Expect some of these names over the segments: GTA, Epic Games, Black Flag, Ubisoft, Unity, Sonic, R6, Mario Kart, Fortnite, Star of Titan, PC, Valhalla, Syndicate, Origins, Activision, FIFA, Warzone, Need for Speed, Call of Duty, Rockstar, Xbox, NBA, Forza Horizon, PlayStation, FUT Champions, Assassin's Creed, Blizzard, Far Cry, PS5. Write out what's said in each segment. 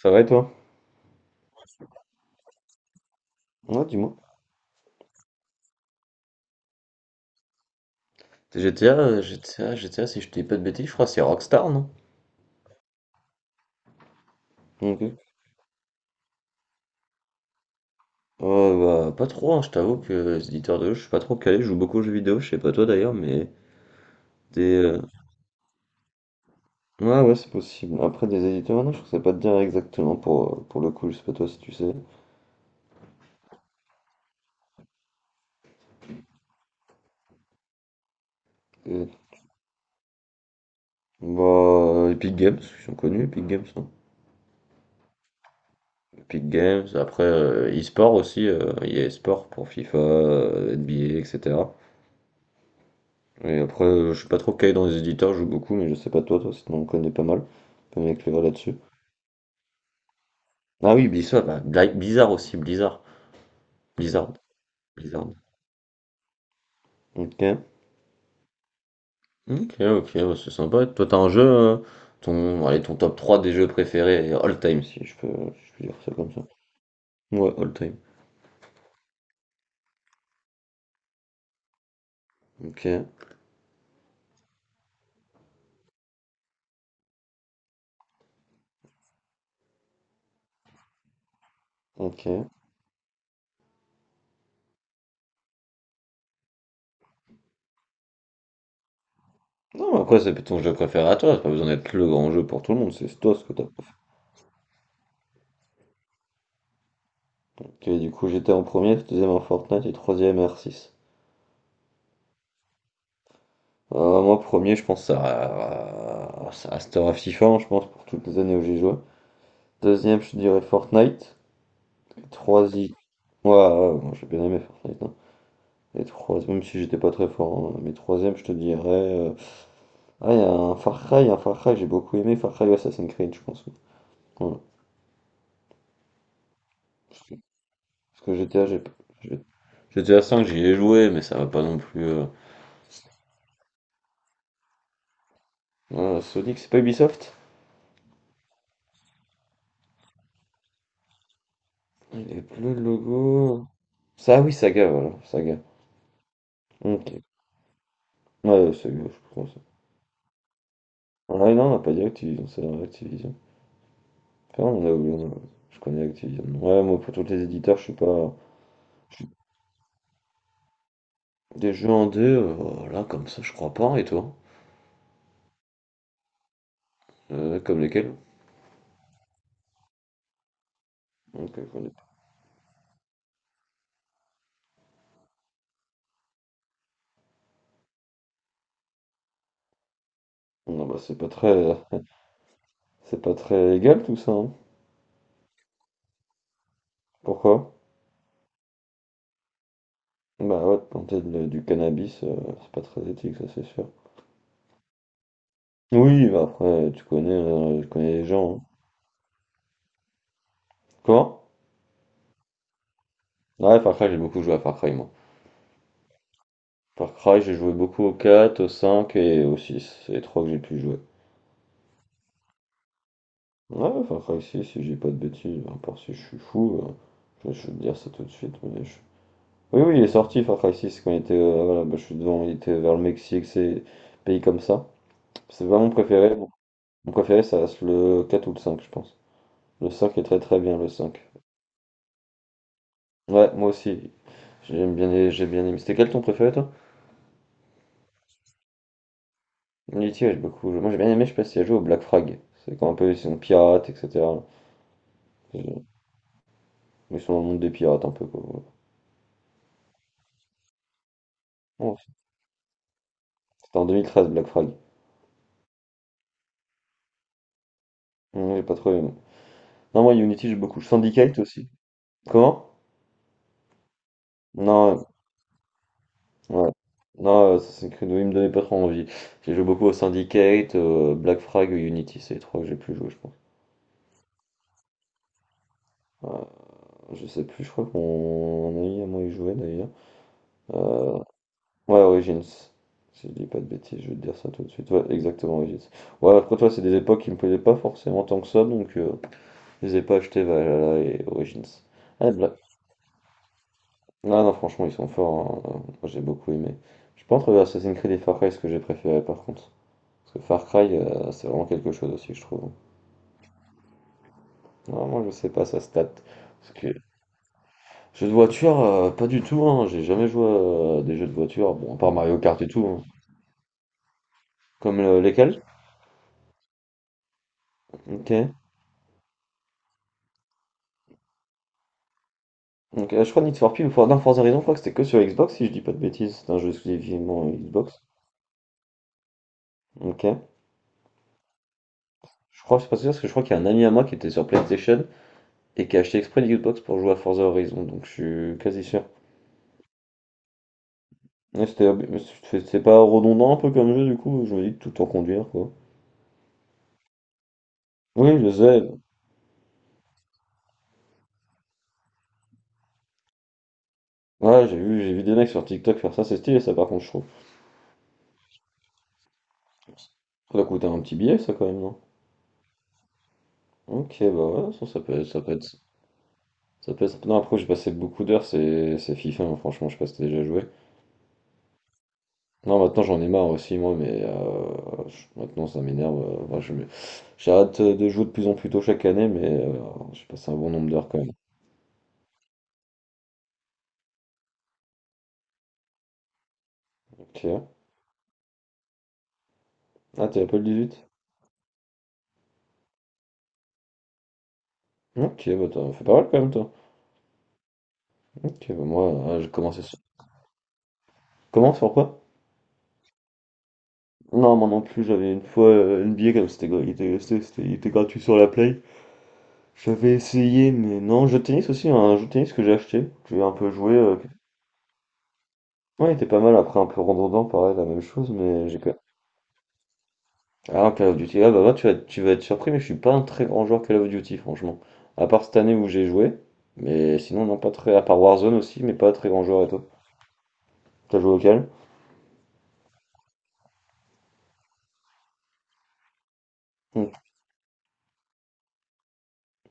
Ça va et toi? Ouais, dis-moi. GTA, si je te dis pas de bêtises, je crois que c'est Rockstar, non? Ok. Oh, bah, pas trop, hein, je t'avoue que les éditeurs de jeux, je suis pas trop calé, je joue beaucoup aux jeux vidéo, je sais pas toi d'ailleurs, mais des. Ouais, ouais, c'est possible. Après, des éditeurs, non, je sais pas te dire exactement pour le coup, je sais pas toi si tu sais. Et- Bah, Epic Games, ils sont connus, Epic Games, hein. Epic Games, après e-sport aussi, il y a e-sport pour FIFA, NBA, etc. Et après, je suis pas trop calé dans les éditeurs, je joue beaucoup, mais je sais pas toi, toi, sinon on connaît pas mal. Tu peux m'éclairer là-dessus. Ah oui, Blizzard, bah, Blizzard aussi, Blizzard. Blizzard, Blizzard. Ok, ok, ok, ouais, c'est sympa. Toi, t'as un jeu, ton, allez, ton top 3 des jeux préférés, all time, si je peux, dire ça comme ça. Ouais, all time. Ok, ok. Non, mais après, c'est ton jeu préféré à toi, c'est pas besoin d'être le grand jeu pour tout le monde, c'est toi ce que t'as préféré. Ok, du coup, j'étais en premier, deuxième en Fortnite et troisième R6. Moi, premier, je pense à, Star of Titan, je pense, pour toutes les années où j'ai joué. Deuxième, je dirais Fortnite. Troisième, ouais, ouais, moi j'ai bien aimé Fortnite, hein. Et troisième, même si j'étais pas très fort, hein, mais troisième, je te dirais, ah, il y a un Far Cry, j'ai beaucoup aimé Far Cry ou Assassin's Creed, je pense. Oui, voilà. Parce que, parce que GTA, j'ai pas- j'ai- GTA 5, j'y ai joué, mais ça va pas non plus, voilà, Sonic, c'est pas Ubisoft? Il est bleu le logo. Ça, ah oui, Saga, voilà, Saga. Ok. Ouais, ouais, c'est, mieux, je sais plus comment ça. Ouais, non, on n'a pas dit Activision, c'est vrai, Activision. Enfin, on a oublié, je connais Activision. Ouais, moi, pour tous les éditeurs, je suis pas. je suis- Des jeux en deux là, comme ça, je crois pas, et toi? Comme lesquels? Ok, je connais pas. Non, bah, c'est pas très. C'est pas très légal, tout ça, hein. Pourquoi? Bah, ouais, de planter du cannabis, c'est pas très éthique, ça, c'est sûr. Oui, bah, après, tu connais les gens, hein. Comment? Ouais, Far Cry, j'ai beaucoup joué à Far Cry, moi. Far Cry, j'ai joué beaucoup au 4, au 5 et au six. C'est les trois que j'ai pu jouer. Ouais, Far Cry 6 si j'ai pas de bêtises, à part si je suis fou, je vais te dire ça tout de suite. Oui, oui, il est sorti Far Cry 6 quand il était, voilà, bah, je suis devant, il était vers le Mexique, ces pays comme ça. C'est vraiment mon préféré. Mon préféré, ça reste le 4 ou le 5, je pense. Le 5 est très très bien, le 5. Ouais, moi aussi. J'aime bien, j'ai bien aimé. C'était quel ton préféré, toi? Unity, ouais, j'ai beaucoup joué. Moi, j'ai bien aimé, je sais pas si tu as joué au Black Frag. C'est quand un peu, ils sont pirates, etc. J'ai- Ils sont dans le monde des pirates un peu quoi, voilà. Bon, c'était en 2013 Black Flag. Non, j'ai pas trop aimé. Non, moi Unity j'ai beaucoup. Syndicate aussi. Comment? Non, ouais. Non, Assassin's Creed, oui, il me donnait pas trop envie. J'ai joué beaucoup au Syndicate, Black Frag et Unity, c'est les trois que j'ai plus joué, je pense. Euh, je sais plus, je crois que mon ami à moi il jouait d'ailleurs. Euh, ouais, Origins. Si je dis pas de bêtises, je vais te dire ça tout de suite. Ouais, exactement, Origins. Ouais, après toi, c'est des époques qui me plaisaient pas forcément tant que ça, donc je les ai pas achetés Valhalla et Origins. Ah, Bla- Ah non, franchement, ils sont forts, hein. Moi, j'ai beaucoup aimé. Je pense entre Assassin's Creed et Far Cry, ce que j'ai préféré par contre. Parce que Far Cry, c'est vraiment quelque chose aussi, je trouve. Vraiment, je sais pas, ça se tâte. Parce que jeux de voiture, pas du tout, hein. J'ai jamais joué à des jeux de voiture. Bon, à part Mario Kart et tout, hein. Lesquels? Ok. Donc, je crois Need for Speed ou non, Forza Horizon, je crois que c'était que sur Xbox, si je dis pas de bêtises. C'est un jeu exclusivement Xbox. Ok. Je crois, c'est pas sûr, parce que je crois qu'il y a un ami à moi qui était sur PlayStation et qui a acheté exprès une Xbox pour jouer à Forza Horizon, donc je suis quasi sûr. Ouais, mais c'est pas redondant un peu comme jeu du coup, je me dis tout en conduire quoi. Oui, je sais. Ouais, j'ai vu des mecs sur TikTok faire ça, c'est stylé ça par contre je trouve. Ça doit coûter un petit billet ça quand même, non? Ok, bah ouais, ça peut être. Non, après j'ai passé beaucoup d'heures, c'est FIFA, hein, franchement, je sais pas si t'as déjà joué. Non, maintenant j'en ai marre aussi moi, mais maintenant ça m'énerve, moi, j'arrête de jouer de plus en plus tôt chaque année, mais j'ai passé un bon nombre d'heures quand même. Ok. Ah, t'es Apple huit. Ok, bah t'en fais pas mal quand même toi. Ok, bah moi, j'ai commencé sur... Comment, sur quoi? Non, moi non plus, j'avais une fois NBA, comme c'était, il était, il était gratuit sur la Play. J'avais essayé, mais non. Jeu de tennis aussi, hein, un jeu de tennis que j'ai acheté, que j'ai un peu joué, ouais, il était pas mal, après un peu redondant, pareil, la même chose, mais j'ai quand... Alors, Call of Duty, ah bah moi, tu vas être surpris, mais je suis pas un très grand joueur Call of Duty, franchement. À part cette année où j'ai joué, mais sinon, non, pas très... À part Warzone aussi, mais pas très grand joueur et toi. T'as joué auquel? Mm,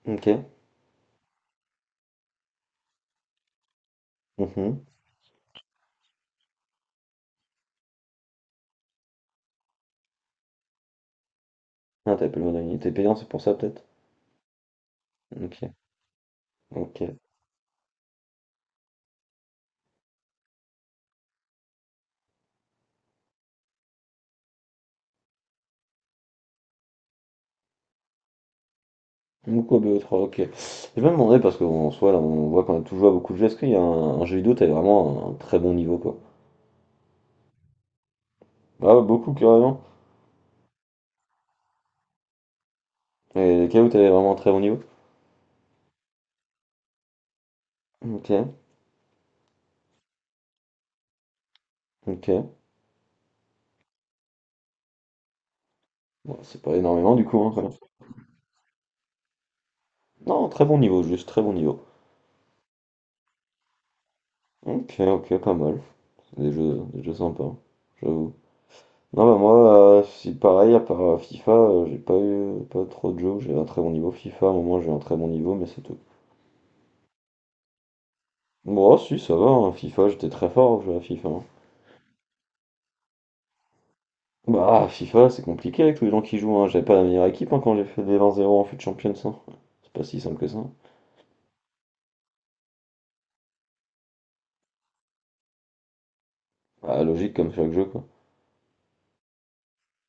ok, ok, mhm. Ah, t'as payé le mode, il était payant, c'est pour ça peut-être. Ok. Ok. Mukobe 3, ok. J'ai même demandé parce qu'en soi, là, on voit qu'on a toujours à beaucoup de jeux. Est-ce qu'il y a un jeu vidéo, t'avais vraiment un, très bon niveau, quoi? Ah ouais, beaucoup, carrément. Et lesquels où t'avais vraiment un très bon niveau? Ok, ok. Bon, c'est pas énormément, du coup, hein, quand même. Non, très bon niveau, juste très bon niveau. Ok, ok, pas mal. Des jeux sympas, hein, j'avoue. Non, bah moi, c'est pareil, à part FIFA, j'ai pas eu pas trop de jeux où j'ai un très bon niveau. FIFA, à un moment, j'ai un très bon niveau, mais c'est tout. Bon, ah, si, ça va, hein, FIFA, j'étais très fort au jeu à FIFA, hein. Bah, FIFA, c'est compliqué avec tous les gens qui jouent, hein. J'avais pas la meilleure équipe hein, quand j'ai fait des 20-0 en FUT Champions, hein. C'est pas si simple que ça. Bah, logique comme chaque jeu, quoi.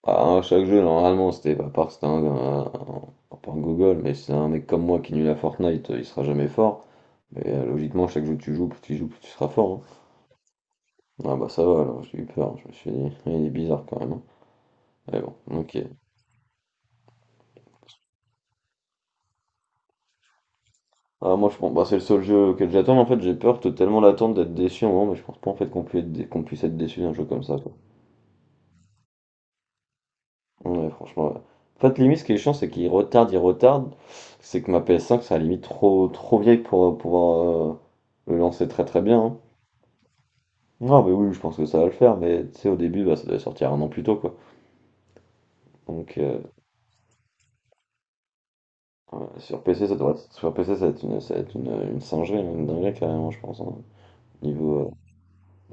Ah, à chaque jeu, normalement, c'était pas à part que c'était pas un gogol, mais c'est un mec comme moi qui est nul à Fortnite, il sera jamais fort. Mais logiquement, chaque jeu que tu joues, plus tu joues, plus tu seras fort, hein. Ah bah ça va, alors j'ai eu peur, hein. Je me suis dit, il est bizarre quand même, hein. Mais bon, ok. Ah, moi je pense, bah, c'est le seul jeu auquel j'attends, en fait j'ai peur de tellement l'attendre d'être déçu, en moment, mais je pense pas en fait qu'on puisse être, qu'on puisse être déçu d'un jeu comme ça, quoi. Ouais, franchement, ouais. En fait, limite, ce qui est chiant, c'est qu'il retarde il retarde c'est que ma PS5, ça limite trop, trop vieille pour pouvoir le lancer très très bien, hein. Non, mais oui, je pense que ça va le faire, mais tu sais, au début, bah, ça devait sortir un an plus tôt, quoi. Donc, ouais, sur PC, ça devrait être, sur PC, ça va être une singerie, une dinguerie, carrément, je pense, hein. Niveau, euh,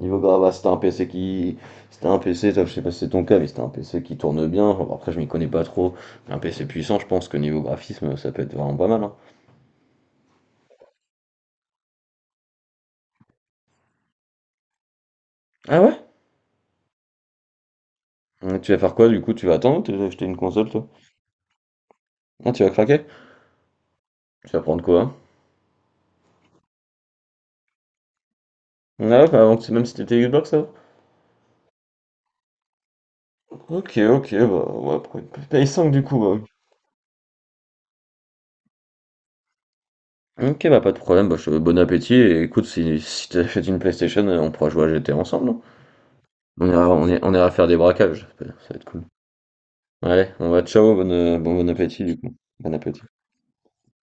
Niveau grave, ah, c'était un PC qui. C'était un PC, toi, je sais pas si c'est ton cas, mais c'était un PC qui tourne bien. Bon, après, je m'y connais pas trop. Un PC puissant, je pense que niveau graphisme, ça peut être vraiment pas mal, hein. Ah ouais? Ouais, tu vas faire quoi du coup? Tu vas attendre ou tu vas acheter une console toi? Ah, tu vas craquer? Tu vas prendre quoi, hein? Ah ouais, bah, même si t'étais Xbox ça? Ok, ok, bah ouais, pour une PS5 du coup, bah. Ok, bah pas de problème, bah, bon appétit et écoute, si t'achètes une PlayStation, on pourra jouer à GT ensemble, non? On ira faire des braquages, ça va être cool. Allez, ciao, bon appétit du coup. Bon appétit.